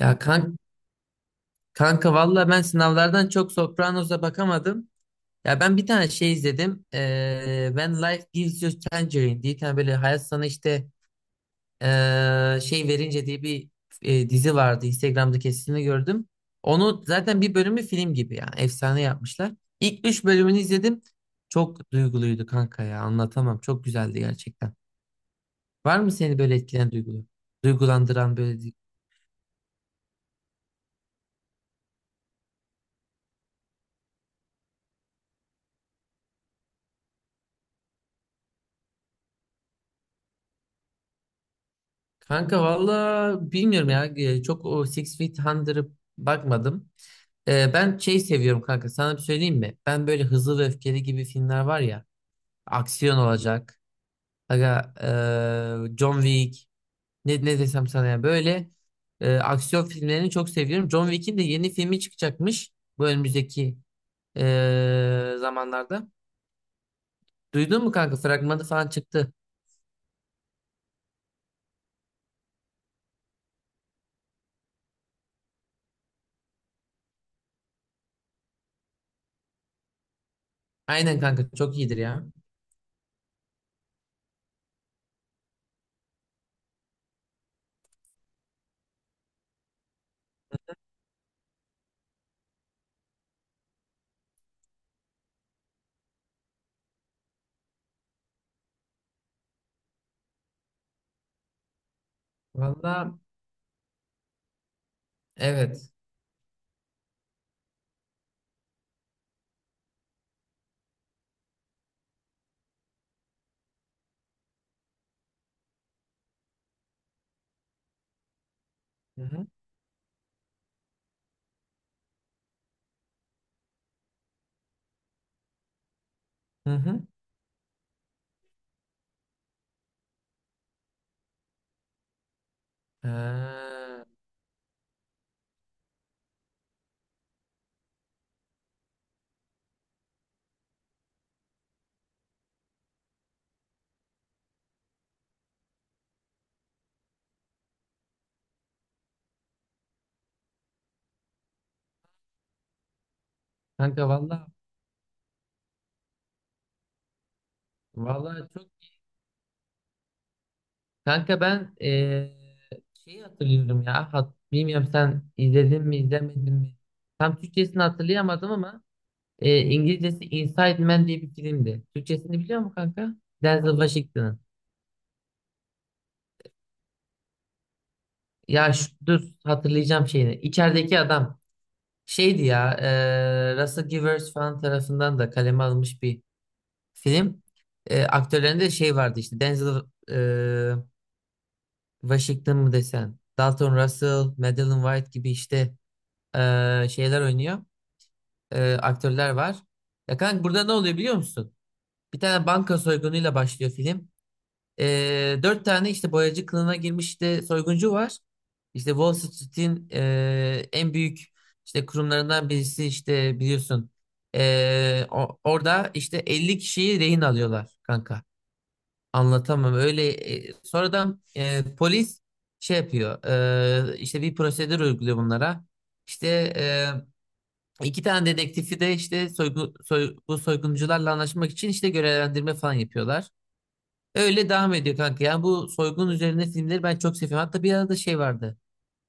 Ya kan kanka, valla ben sınavlardan çok Sopranos'a bakamadım. Ya ben bir tane şey izledim. When Life Gives You Tangerine diye bir tane böyle hayat sana işte şey verince diye bir dizi vardı. Instagram'da kesitini gördüm. Onu zaten bir bölümü film gibi yani efsane yapmışlar. İlk 3 bölümünü izledim. Çok duyguluydu kanka ya, anlatamam. Çok güzeldi gerçekten. Var mı seni böyle etkileyen duygulu? Duygulandıran böyle. Kanka valla bilmiyorum ya. Çok o Six Feet Under'ı bakmadım. E, ben şey seviyorum kanka. Sana bir söyleyeyim mi? Ben böyle Hızlı ve Öfkeli gibi filmler var ya. Aksiyon olacak. Aga, John Wick. Ne desem sana ya. Böyle aksiyon filmlerini çok seviyorum. John Wick'in de yeni filmi çıkacakmış. Bu önümüzdeki zamanlarda. Duydun mu kanka? Fragmanı falan çıktı. Aynen kanka. Çok iyidir ya. Valla evet. Hı hı. Hı hı. Ha, kanka, valla, valla. kanka, ben şeyi hatırlıyorum ya, bilmiyorum sen izledin mi izlemedin mi, tam Türkçesini hatırlayamadım ama İngilizcesi Inside Man diye bir filmdi. Türkçesini biliyor musun kanka? Denzel Washington'ın. Ya şu, dur hatırlayacağım şeyini, İçerideki adam şeydi ya. Russell Givers falan tarafından da kaleme alınmış bir film. Aktörlerinde şey vardı, işte Denzel e, Washington mı desen, Dalton Russell, Madeline White gibi işte şeyler oynuyor. Aktörler var. Ya kanka burada ne oluyor biliyor musun? Bir tane banka soygunuyla başlıyor film. Dört tane işte boyacı kılığına girmiş işte soyguncu var. İşte Wall Street'in en büyük işte kurumlarından birisi, işte biliyorsun. Orada işte 50 kişiyi rehin alıyorlar kanka. Anlatamam. Öyle sonradan polis şey yapıyor. İşte bir prosedür uyguluyor bunlara. İşte e, iki tane dedektifi de işte bu soyguncularla anlaşmak için işte görevlendirme falan yapıyorlar. Öyle devam ediyor kanka. Yani bu soygun üzerine filmleri ben çok seviyorum. Hatta bir arada şey vardı.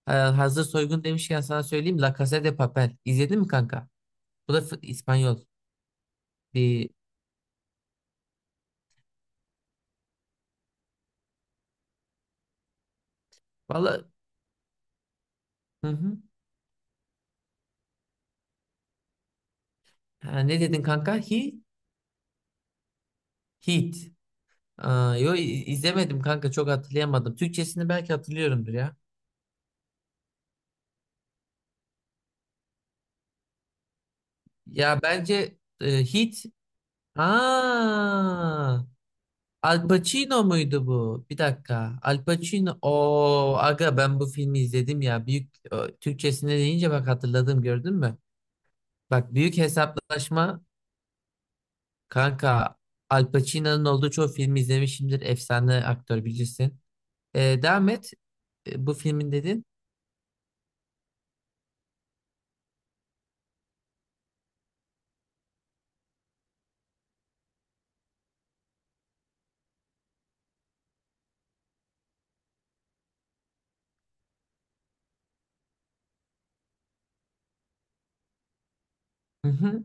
E, hazır soygun demişken sana söyleyeyim. La Casa de Papel. İzledin mi kanka? Bu da İspanyol. Bir valla, hı hı. Ha, ne dedin kanka? He, Heat. Aa, izlemedim kanka, çok hatırlayamadım. Türkçesini belki hatırlıyorumdur ya. Ya bence Hit. Aa, Al Pacino muydu bu? Bir dakika. Al Pacino. O aga, ben bu filmi izledim ya. Büyük o, Türkçesine deyince bak hatırladım, gördün mü? Bak, büyük hesaplaşma kanka. Al Pacino'nun olduğu çoğu filmi izlemişimdir. Efsane aktör, bilirsin. E, devam et. E, bu filmin dedin. Hı hı,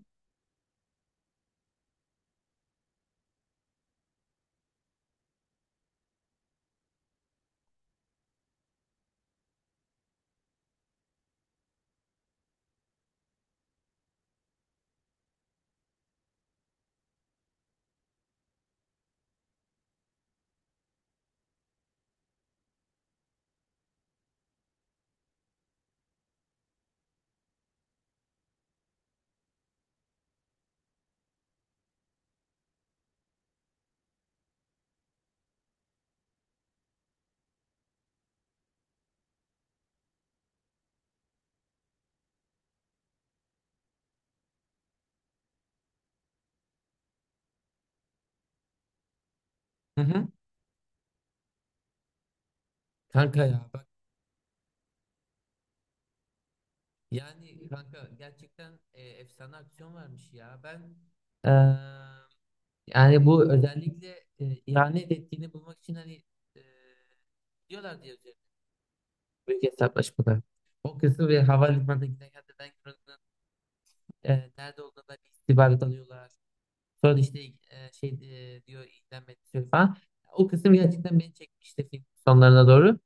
hı hı. Kanka ya. Yani kanka gerçekten efsane aksiyon vermiş ya. Ben eee, yani bu özellikle ihanet ettiğini bulmak için hani e, diyorlar diye üzerine büyük hesaplaşmalar. O kısım ve havalimanına giden, gerçekten buranın nerede olduğuna dair istihbarat alıyorlar. Sonra işte şey diyor, idam ettiriyor falan. O kısım gerçekten beni çekmişti film sonlarına doğru.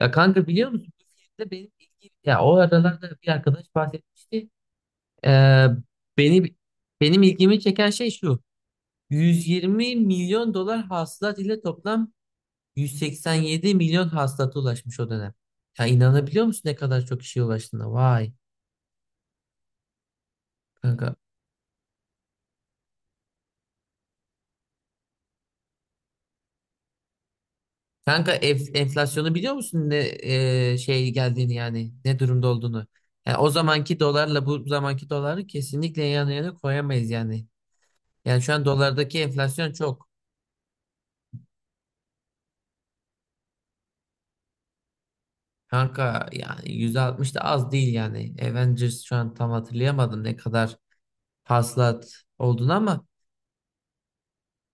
Ya kanka biliyor musun bu filmde benim ilgi, ya o aralarda bir arkadaş bahsetmişti. Ee, beni benim ilgimi çeken şey şu. 120 milyon dolar hasılat ile toplam 187 milyon hasılata ulaşmış o dönem. Ya inanabiliyor musun ne kadar çok işe ulaştığına? Vay kanka. Kanka, enflasyonu biliyor musun ne şey geldiğini, yani ne durumda olduğunu? Yani o zamanki dolarla bu zamanki doları kesinlikle yan yana koyamayız yani. Yani şu an dolardaki enflasyon çok. Kanka yani 160 da az değil yani. Avengers şu an tam hatırlayamadım ne kadar hasılat olduğunu ama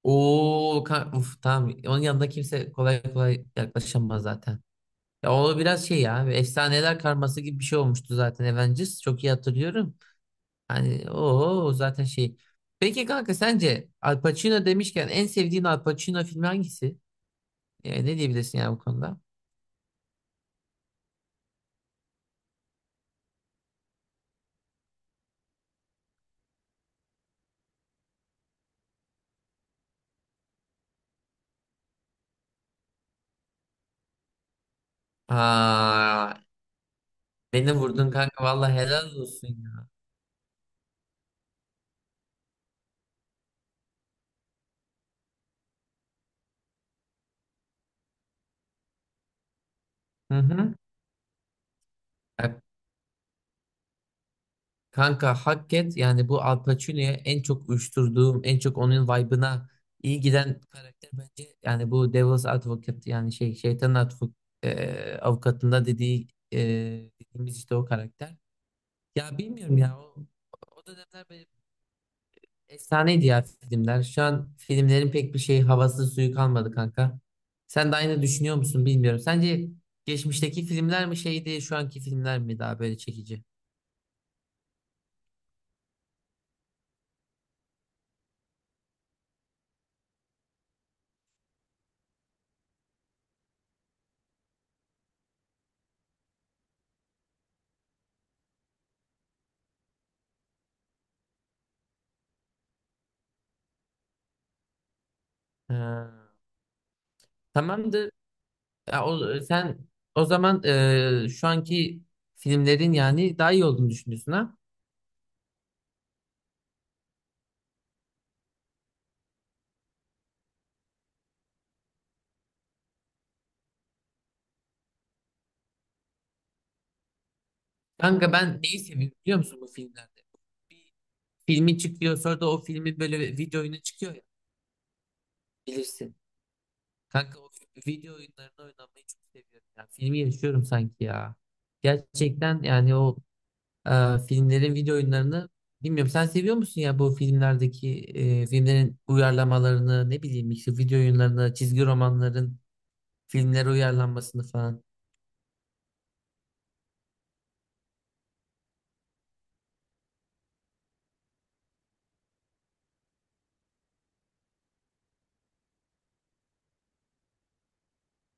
o, uf, tamam, onun yanında kimse kolay kolay yaklaşamaz zaten. Ya o biraz şey ya, bir efsaneler karması gibi bir şey olmuştu zaten Avengers, çok iyi hatırlıyorum. Hani o zaten şey. Peki kanka, sence Al Pacino demişken en sevdiğin Al Pacino filmi hangisi? Yani ne diyebilirsin yani bu konuda? Aa, beni vurdun kanka, vallahi helal olsun ya. Hı hı. Ya kanka hak et yani, bu Al Pacino'ya en çok uyuşturduğum, en çok onun vibe'ına iyi giden karakter bence yani bu Devil's Advocate, yani avukatında dediği dediğimiz işte o karakter. Ya bilmiyorum ya, o, o dönemler efsaneydi ya filmler. Şu an filmlerin pek bir şey havası suyu kalmadı kanka. Sen de aynı düşünüyor musun bilmiyorum. Sence geçmişteki filmler mi şeydi, şu anki filmler mi daha böyle çekici? Ha, tamamdır. Ya o, sen o zaman şu anki filmlerin yani daha iyi olduğunu düşünüyorsun ha? Kanka ben neyi seviyorum biliyor musun bu filmlerde? Filmi çıkıyor, sonra da o filmin böyle video oyunu çıkıyor ya, bilirsin. Kanka o video oyunlarını oynamayı çok seviyorum. Yani filmi yaşıyorum sanki ya. Gerçekten yani o e, filmlerin video oyunlarını, bilmiyorum. Sen seviyor musun ya bu filmlerdeki filmlerin uyarlamalarını, ne bileyim işte video oyunlarını, çizgi romanların filmlere uyarlanmasını falan.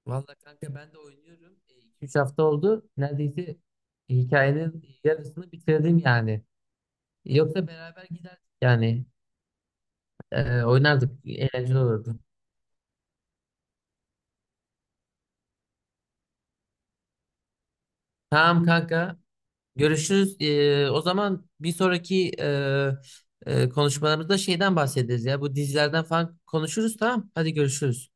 Valla kanka, ben de oynuyorum. 2 3 hafta oldu. Neredeyse hikayenin yarısını bitirdim yani. Yoksa beraber giderdik yani. E, oynardık. Eğlenceli olurdu. Tamam kanka. Görüşürüz. O zaman bir sonraki konuşmalarımızda şeyden bahsederiz ya. Bu dizilerden falan konuşuruz, tamam. Hadi görüşürüz.